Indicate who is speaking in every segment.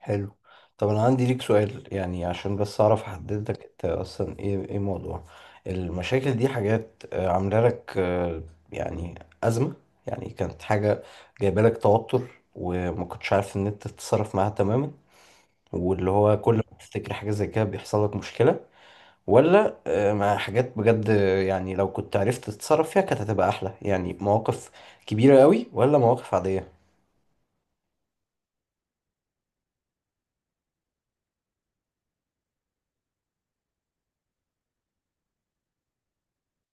Speaker 1: حلو. طب انا عندي ليك سؤال، يعني عشان بس اعرف احدد لك انت اصلا ايه موضوع المشاكل دي. حاجات عامله لك، يعني ازمه؟ يعني كانت حاجه جايبه لك توتر وما كنتش عارف ان انت تتصرف معاها تماما، واللي هو كل ما تفتكر حاجه زي كده بيحصل لك مشكله؟ ولا مع حاجات بجد، يعني لو كنت عرفت تتصرف فيها كانت هتبقى احلى؟ يعني مواقف كبيره قوي ولا مواقف عاديه؟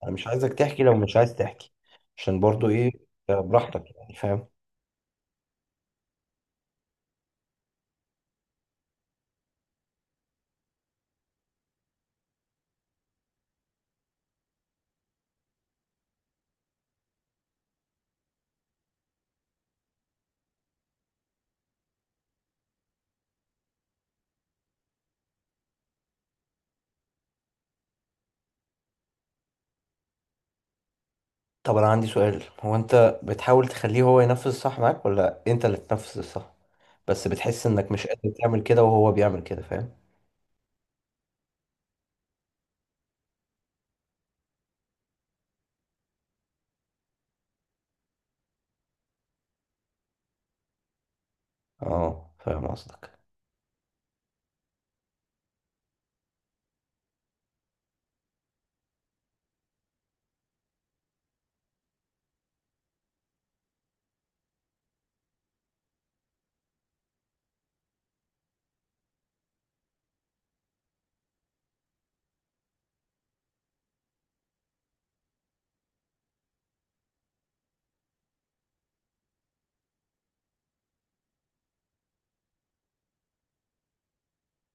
Speaker 1: انا مش عايزك تحكي لو مش عايز تحكي، عشان برضو ايه، براحتك يعني، فاهم. طب انا عندي سؤال، هو انت بتحاول تخليه هو ينفذ الصح معاك، ولا انت اللي تنفذ الصح بس بتحس انك مش قادر تعمل كده وهو بيعمل كده؟ فاهم. اه، فاهم قصدك.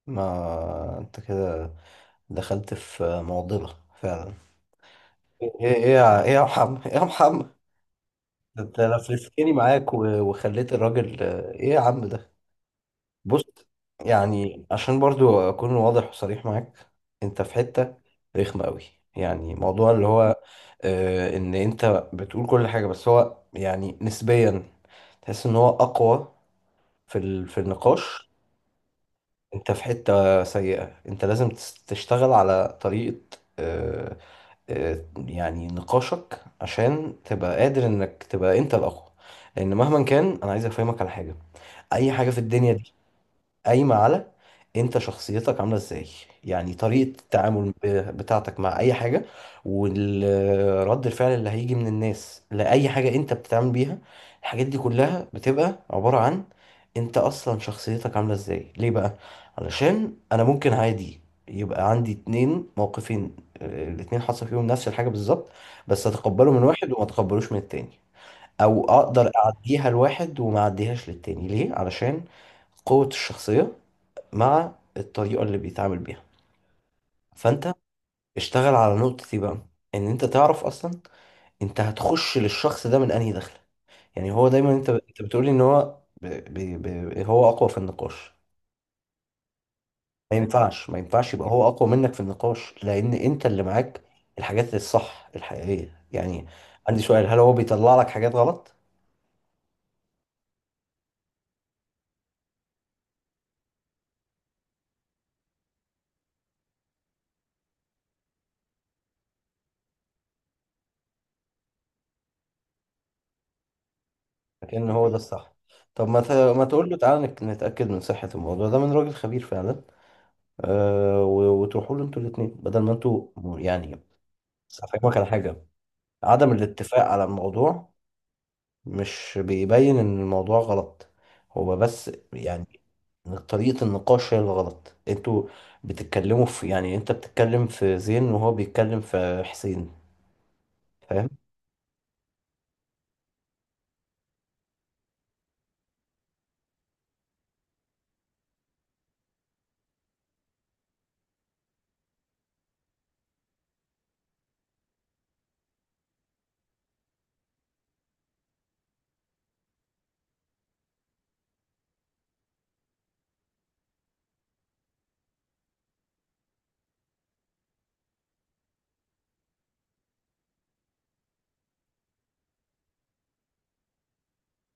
Speaker 1: ما انت كده دخلت في معضلة فعلا. ايه يا محمد، ايه يا محمد، انت لفلفتني معاك و- وخليت الراجل، ايه يا عم ده. بص، يعني عشان برضو اكون واضح وصريح معاك، انت في حتة رخمة قوي، يعني موضوع اللي هو ان انت بتقول كل حاجة بس هو يعني نسبيا تحس ان هو اقوى في النقاش. انت في حتة سيئة، انت لازم تشتغل على طريقة، يعني نقاشك، عشان تبقى قادر انك تبقى انت الاقوى. لان مهما كان، انا عايز افهمك على حاجة، اي حاجة في الدنيا قايمة على انت شخصيتك عاملة ازاي، يعني طريقة التعامل بتاعتك مع اي حاجة، والرد الفعل اللي هيجي من الناس لأي حاجة انت بتتعامل بيها. الحاجات دي كلها بتبقى عبارة عن انت اصلا شخصيتك عاملة ازاي. ليه بقى؟ علشان انا ممكن عادي يبقى عندي اتنين موقفين، الاتنين حصل فيهم نفس الحاجة بالظبط، بس اتقبله من واحد وما اتقبلوش من التاني، او اقدر اعديها لواحد وما اعديهاش للتاني. ليه؟ علشان قوة الشخصية مع الطريقة اللي بيتعامل بيها. فانت اشتغل على نقطة دي بقى، ان انت تعرف اصلا انت هتخش للشخص ده من انهي دخلة. يعني هو دايما انت بتقولي ان هو هو اقوى في النقاش. ما ينفعش، ما ينفعش يبقى هو اقوى منك في النقاش، لان انت اللي معاك الحاجات الصح الحقيقية يعني. عندي سؤال، هل هو بيطلع لك حاجات غلط لكن هو ده الصح؟ طب ما تقول له تعالى نتأكد من صحة الموضوع ده من راجل خبير فعلا. و- وتروحوا له انتوا الاثنين بدل ما انتوا، يعني افهمك على حاجه، عدم الاتفاق على الموضوع مش بيبين ان الموضوع غلط، هو بس يعني طريقه النقاش هي اللي غلط. انتوا بتتكلموا في، يعني انت بتتكلم في زين وهو بيتكلم في حسين، فاهم؟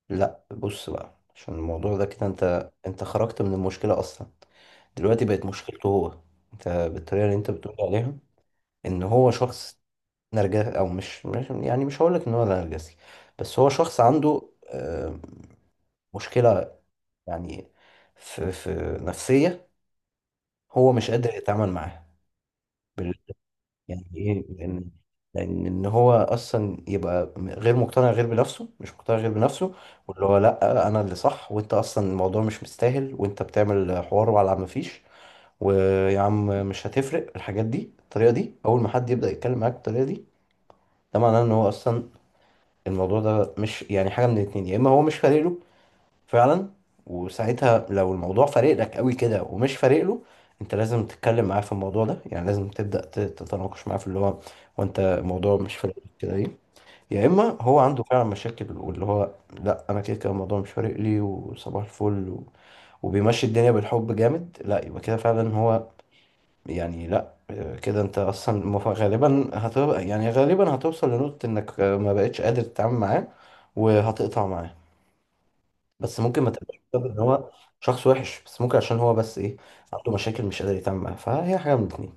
Speaker 1: لا بص بقى، عشان الموضوع ده كده انت خرجت من المشكله اصلا، دلوقتي بقت مشكلته هو. انت بالطريقه اللي انت بتقول عليها ان هو شخص نرجسي، او يعني مش هقول لك ان هو نرجسي، بس هو شخص عنده، آه، مشكلة يعني في نفسية هو مش قادر يتعامل معاها. بال- يعني ايه، لان ان هو اصلا يبقى غير مقتنع غير بنفسه، مش مقتنع غير بنفسه، واللي هو لا انا اللي صح، وانت اصلا الموضوع مش مستاهل، وانت بتعمل حوار على ما فيش، ويا عم مش هتفرق. الحاجات دي، الطريقة دي، اول ما حد يبدأ يتكلم معاك بالطريقة دي، ده معناه ان هو اصلا الموضوع ده مش، يعني حاجة من الاتنين، يا إما هو مش فارق له فعلا. وساعتها لو الموضوع فارق لك قوي كده ومش فارق له، أنت لازم تتكلم معاه في الموضوع ده، يعني لازم تبدأ تتناقش معاه في اللي هو، وأنت الموضوع مش فارق لك كده ليه. يا إما هو عنده فعلا مشاكل، واللي هو لأ أنا كده كده الموضوع مش فارق لي وصباح الفل، و... وبيمشي الدنيا بالحب جامد. لأ، يبقى كده فعلا هو يعني. لا كده انت اصلا غالبا هتبقى، يعني هتوصل لنقطة انك ما بقتش قادر تتعامل معاه وهتقطع معاه، بس ممكن ما تبقاش بسبب ان هو شخص وحش، بس ممكن عشان هو بس ايه، عنده مشاكل مش قادر يتعامل معاها. فهي حاجة من الاتنين.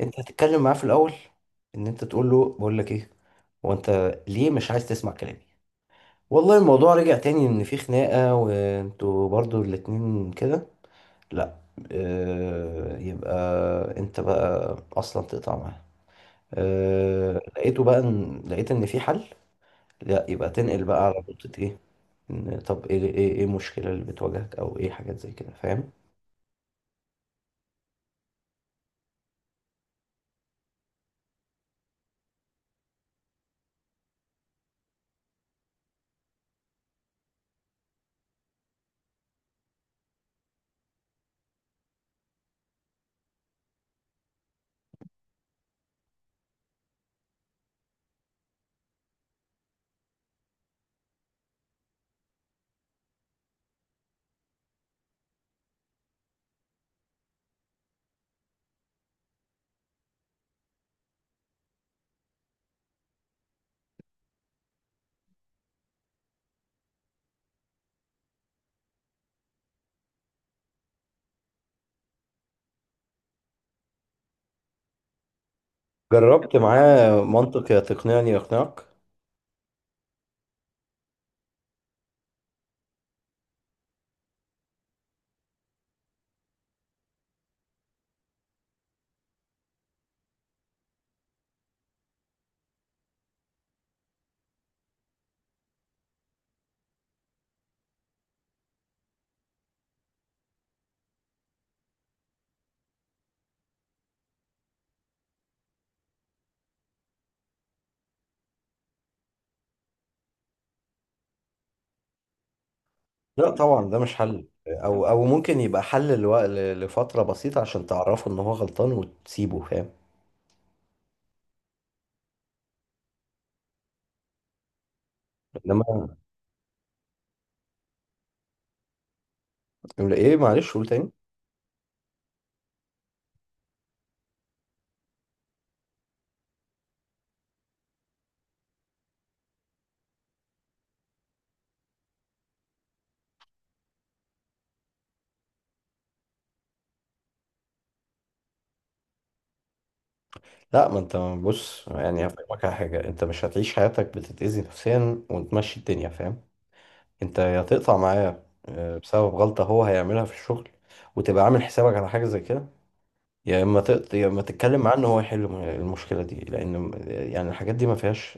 Speaker 1: انت هتتكلم معاه في الاول، ان انت تقول له بقول لك ايه، هو انت ليه مش عايز تسمع كلامي. والله الموضوع رجع تاني ان في خناقة وانتوا برضو الاتنين كده، لا. اه، يبقى انت بقى اصلا تقطع معاه. أه لقيته بقى إن لقيت إن في حل، لا، يبقى تنقل بقى على نقطة إيه، إن طب إيه المشكلة اللي بتواجهك، أو إيه حاجات زي كده، فاهم. جربت معاه منطق، يا تقنعني يقنعك. لا طبعا ده مش حل، أو ممكن يبقى حل لفترة بسيطة عشان تعرفه إن هو غلطان وتسيبه، فاهم. إنما يقول إيه، معلش قول تاني. لا ما أنت بص، يعني هفهمك على حاجة، أنت مش هتعيش حياتك بتتأذي نفسيا وتمشي الدنيا، فاهم. انت يا تقطع معاه، بسبب غلطة هو هيعملها في الشغل، وتبقى عامل حسابك على حاجة زي كده، يا اما تتكلم معاه ان هو يحل المشكلة دي، لان يعني الحاجات دي ما فيهاش،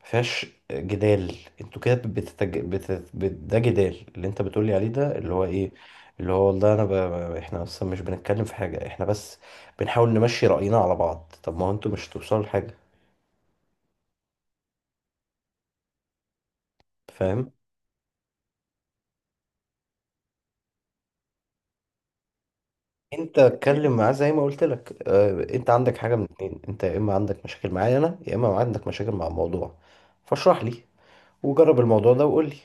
Speaker 1: ما فيهاش جدال. انتوا كده ده جدال اللي انت بتقولي عليه، ده اللي هو ايه، اللي هو والله انا احنا اصلا مش بنتكلم في حاجة، احنا بس بنحاول نمشي رأينا على بعض. طب ما هو انتوا مش هتوصلوا لحاجة، فاهم. انت اتكلم معاه زي ما قلت لك، اه انت عندك حاجه من اتنين، انت يا اما عندك مشاكل معايا انا، يا اما عندك مشاكل مع الموضوع. فاشرح لي، وجرب الموضوع ده وقول لي.